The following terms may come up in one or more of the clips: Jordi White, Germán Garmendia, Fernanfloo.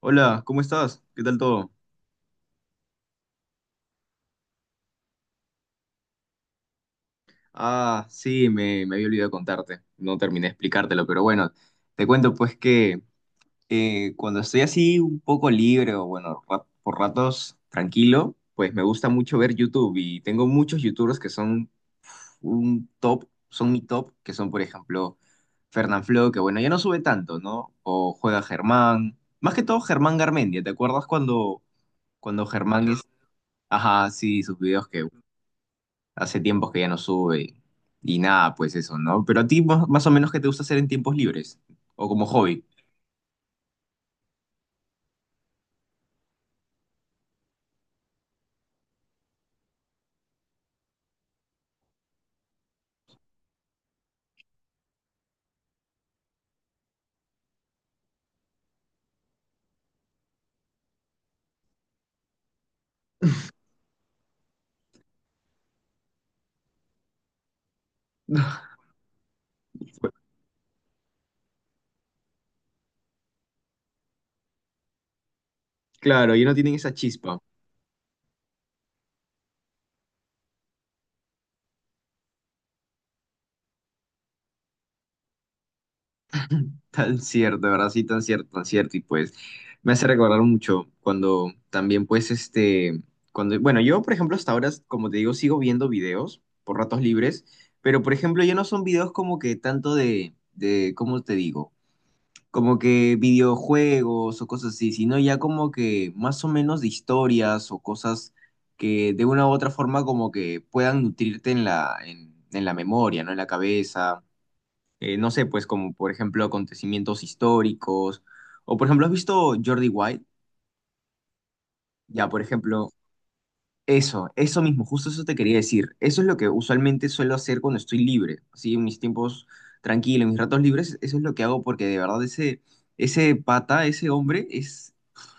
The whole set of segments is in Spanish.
Hola, ¿cómo estás? ¿Qué tal todo? Ah, sí, me había olvidado contarte, no terminé de explicártelo, pero bueno, te cuento pues que cuando estoy así un poco libre o bueno, por ratos tranquilo, pues me gusta mucho ver YouTube y tengo muchos YouTubers que son un top, son mi top, que son por ejemplo Fernanfloo, que bueno, ya no sube tanto, ¿no? O juega Germán, más que todo Germán Garmendia, ¿te acuerdas cuando Germán es... Ajá, sí, sus videos que hace tiempos que ya no sube y nada, pues eso, ¿no? Pero a ti más o menos qué te gusta hacer en tiempos libres o como hobby. Claro, ya no tienen esa chispa. Tan cierto, de verdad, sí, tan cierto, tan cierto. Y pues me hace recordar mucho cuando también, pues, este, cuando, bueno, yo, por ejemplo, hasta ahora, como te digo, sigo viendo videos por ratos libres, pero, por ejemplo, ya no son videos como que tanto de, ¿cómo te digo? Como que videojuegos o cosas así, sino ya como que más o menos de historias o cosas que de una u otra forma como que puedan nutrirte en en la memoria, ¿no? En la cabeza. No sé, pues como por ejemplo acontecimientos históricos. O por ejemplo, ¿has visto Jordi White? Ya, por ejemplo, eso mismo, justo eso te quería decir. Eso es lo que usualmente suelo hacer cuando estoy libre, así en mis tiempos tranquilos, en mis ratos libres, eso es lo que hago porque de verdad ese pata, ese hombre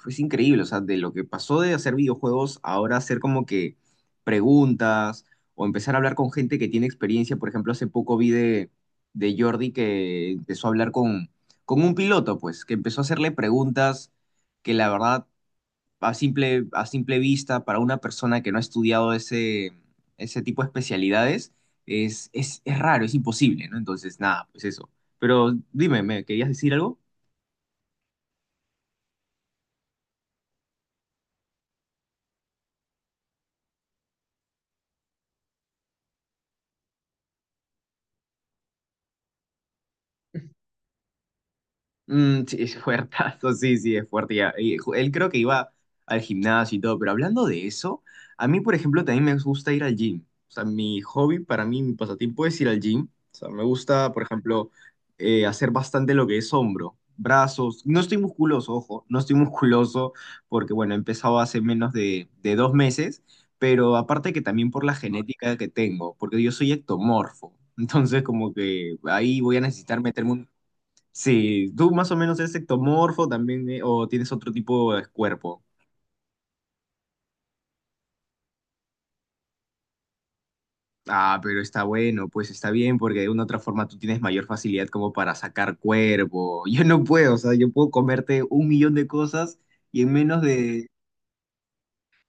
es increíble, o sea, de lo que pasó de hacer videojuegos ahora hacer como que preguntas o empezar a hablar con gente que tiene experiencia. Por ejemplo, hace poco vi de Jordi que empezó a hablar con un piloto, pues, que empezó a hacerle preguntas que la verdad a simple vista, para una persona que no ha estudiado ese tipo de especialidades, es raro, es imposible, ¿no? Entonces, nada, pues eso. Pero dime, ¿me querías decir algo? Mm, sí, es fuertazo, sí, sí, es fuerte, ya. Y él creo que iba al gimnasio y todo, pero hablando de eso, a mí, por ejemplo, también me gusta ir al gym. O sea, mi hobby para mí, mi pasatiempo es ir al gym. O sea, me gusta, por ejemplo, hacer bastante lo que es hombro, brazos. No estoy musculoso, ojo, no estoy musculoso porque, bueno, he empezado hace menos de dos meses, pero aparte que también por la genética que tengo, porque yo soy ectomorfo. Entonces, como que ahí voy a necesitar meterme un sí, tú más o menos eres ectomorfo también, o tienes otro tipo de cuerpo. Ah, pero está bueno, pues está bien, porque de una u otra forma tú tienes mayor facilidad como para sacar cuerpo. Yo no puedo, o sea, yo puedo comerte un millón de cosas y en menos mm de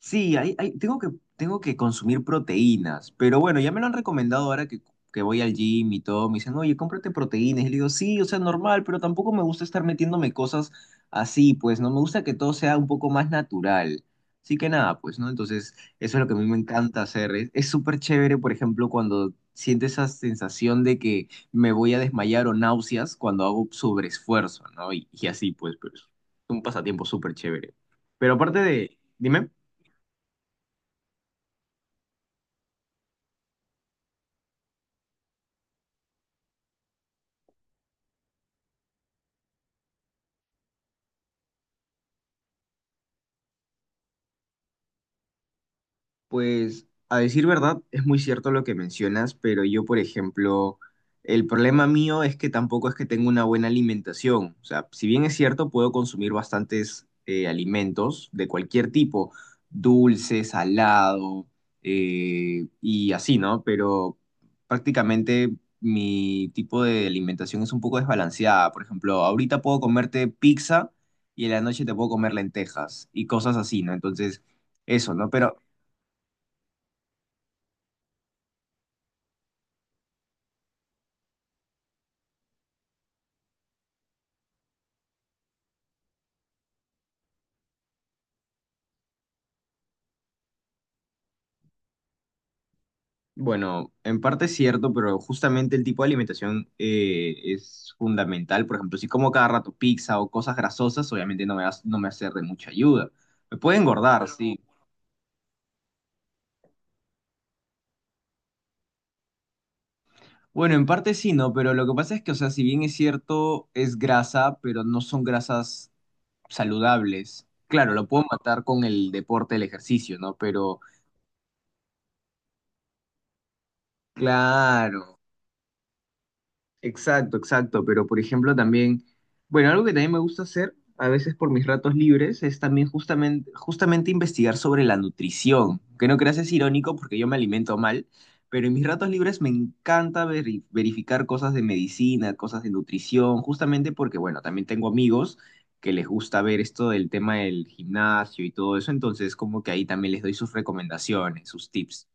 sí, tengo que consumir proteínas, pero bueno, ya me lo han recomendado ahora que voy al gym y todo, me dicen, oye, cómprate proteínas, y le digo, sí, o sea, normal, pero tampoco me gusta estar metiéndome cosas así, pues, no, me gusta que todo sea un poco más natural, así que nada, pues, ¿no? Entonces, eso es lo que a mí me encanta hacer, es súper chévere, por ejemplo, cuando siento esa sensación de que me voy a desmayar o náuseas cuando hago sobreesfuerzo, ¿no? Y así, pues, pero es un pasatiempo súper chévere. Pero aparte de, dime. Pues a decir verdad, es muy cierto lo que mencionas, pero yo, por ejemplo, el problema mío es que tampoco es que tenga una buena alimentación. O sea, si bien es cierto, puedo consumir bastantes alimentos de cualquier tipo, dulce, salado y así, ¿no? Pero prácticamente mi tipo de alimentación es un poco desbalanceada. Por ejemplo, ahorita puedo comerte pizza y en la noche te puedo comer lentejas y cosas así, ¿no? Entonces... Eso, ¿no? Pero bueno, en parte es cierto, pero justamente el tipo de alimentación es fundamental. Por ejemplo, si como cada rato pizza o cosas grasosas, obviamente no me va a ser de mucha ayuda. Me puede engordar, sí. Bueno, en parte sí, ¿no? Pero lo que pasa es que, o sea, si bien es cierto, es grasa, pero no son grasas saludables. Claro, lo puedo matar con el deporte, el ejercicio, ¿no? Pero, claro, exacto, exacto, pero por ejemplo también, bueno, algo que también me gusta hacer a veces por mis ratos libres es también justamente investigar sobre la nutrición, que no creas es irónico porque yo me alimento mal, pero en mis ratos libres me encanta verificar cosas de medicina, cosas de nutrición, justamente porque, bueno, también tengo amigos que les gusta ver esto del tema del gimnasio y todo eso, entonces como que ahí también les doy sus recomendaciones, sus tips.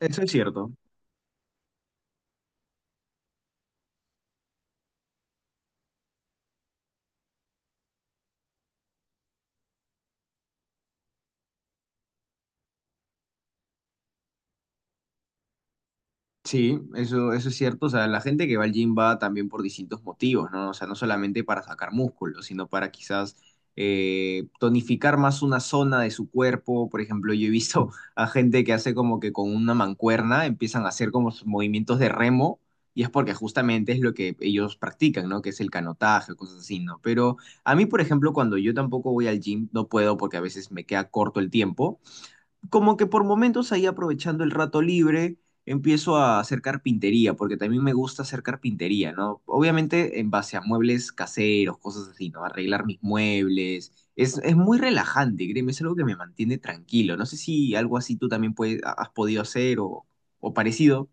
Eso es cierto. Sí, eso es cierto. O sea, la gente que va al gym va también por distintos motivos, ¿no? O sea, no solamente para sacar músculo, sino para quizás tonificar más una zona de su cuerpo. Por ejemplo, yo he visto a gente que hace como que con una mancuerna empiezan a hacer como sus movimientos de remo y es porque justamente es lo que ellos practican, ¿no? Que es el canotaje, cosas así, ¿no? Pero a mí, por ejemplo, cuando yo tampoco voy al gym, no puedo porque a veces me queda corto el tiempo como que por momentos ahí aprovechando el rato libre, empiezo a hacer carpintería, porque también me gusta hacer carpintería, ¿no? Obviamente en base a muebles caseros, cosas así, ¿no? Arreglar mis muebles. Es muy relajante, créeme, es algo que me mantiene tranquilo. No sé si algo así tú también puedes, has podido hacer o parecido.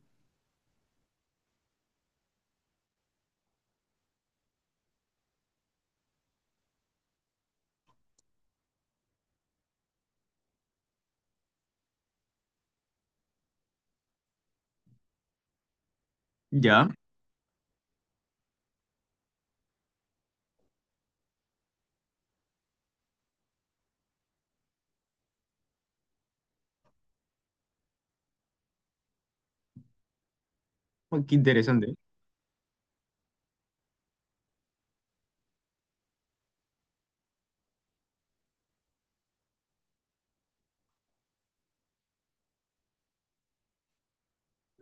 Ya, oh, qué interesante.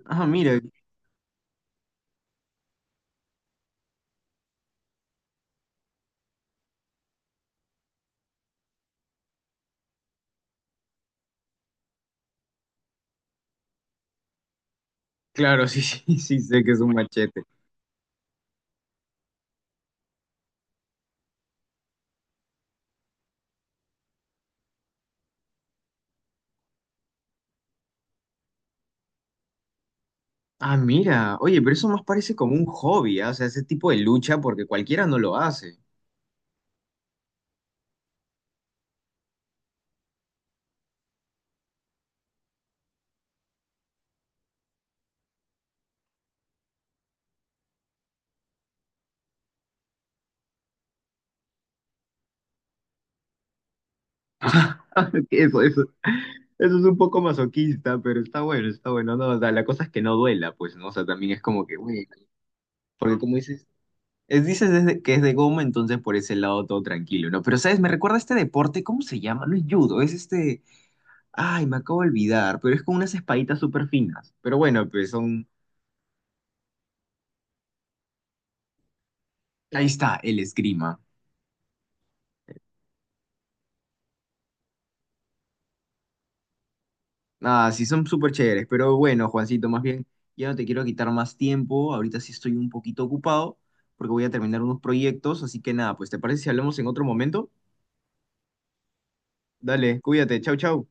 Ah, mira, claro, sí, sí, sí, sé que es un machete. Ah, mira, oye, pero eso más parece como un hobby, ¿ah? O sea, ese tipo de lucha, porque cualquiera no lo hace. Eso, eso, eso es un poco masoquista, pero está bueno, no, o sea, la cosa es que no duela, pues, ¿no? O sea, también es como que, bueno, porque como dices, dices es que es de goma, entonces por ese lado todo tranquilo, ¿no? Pero, ¿sabes? Me recuerda a este deporte, ¿cómo se llama? No es judo, es este, ay, me acabo de olvidar, pero es con unas espaditas súper finas, pero bueno, pues son, ahí está, el esgrima. Ah, sí, son súper chéveres, pero bueno, Juancito, más bien, ya no te quiero quitar más tiempo, ahorita sí estoy un poquito ocupado porque voy a terminar unos proyectos, así que nada, pues ¿te parece si hablamos en otro momento? Dale, cuídate, chau, chau.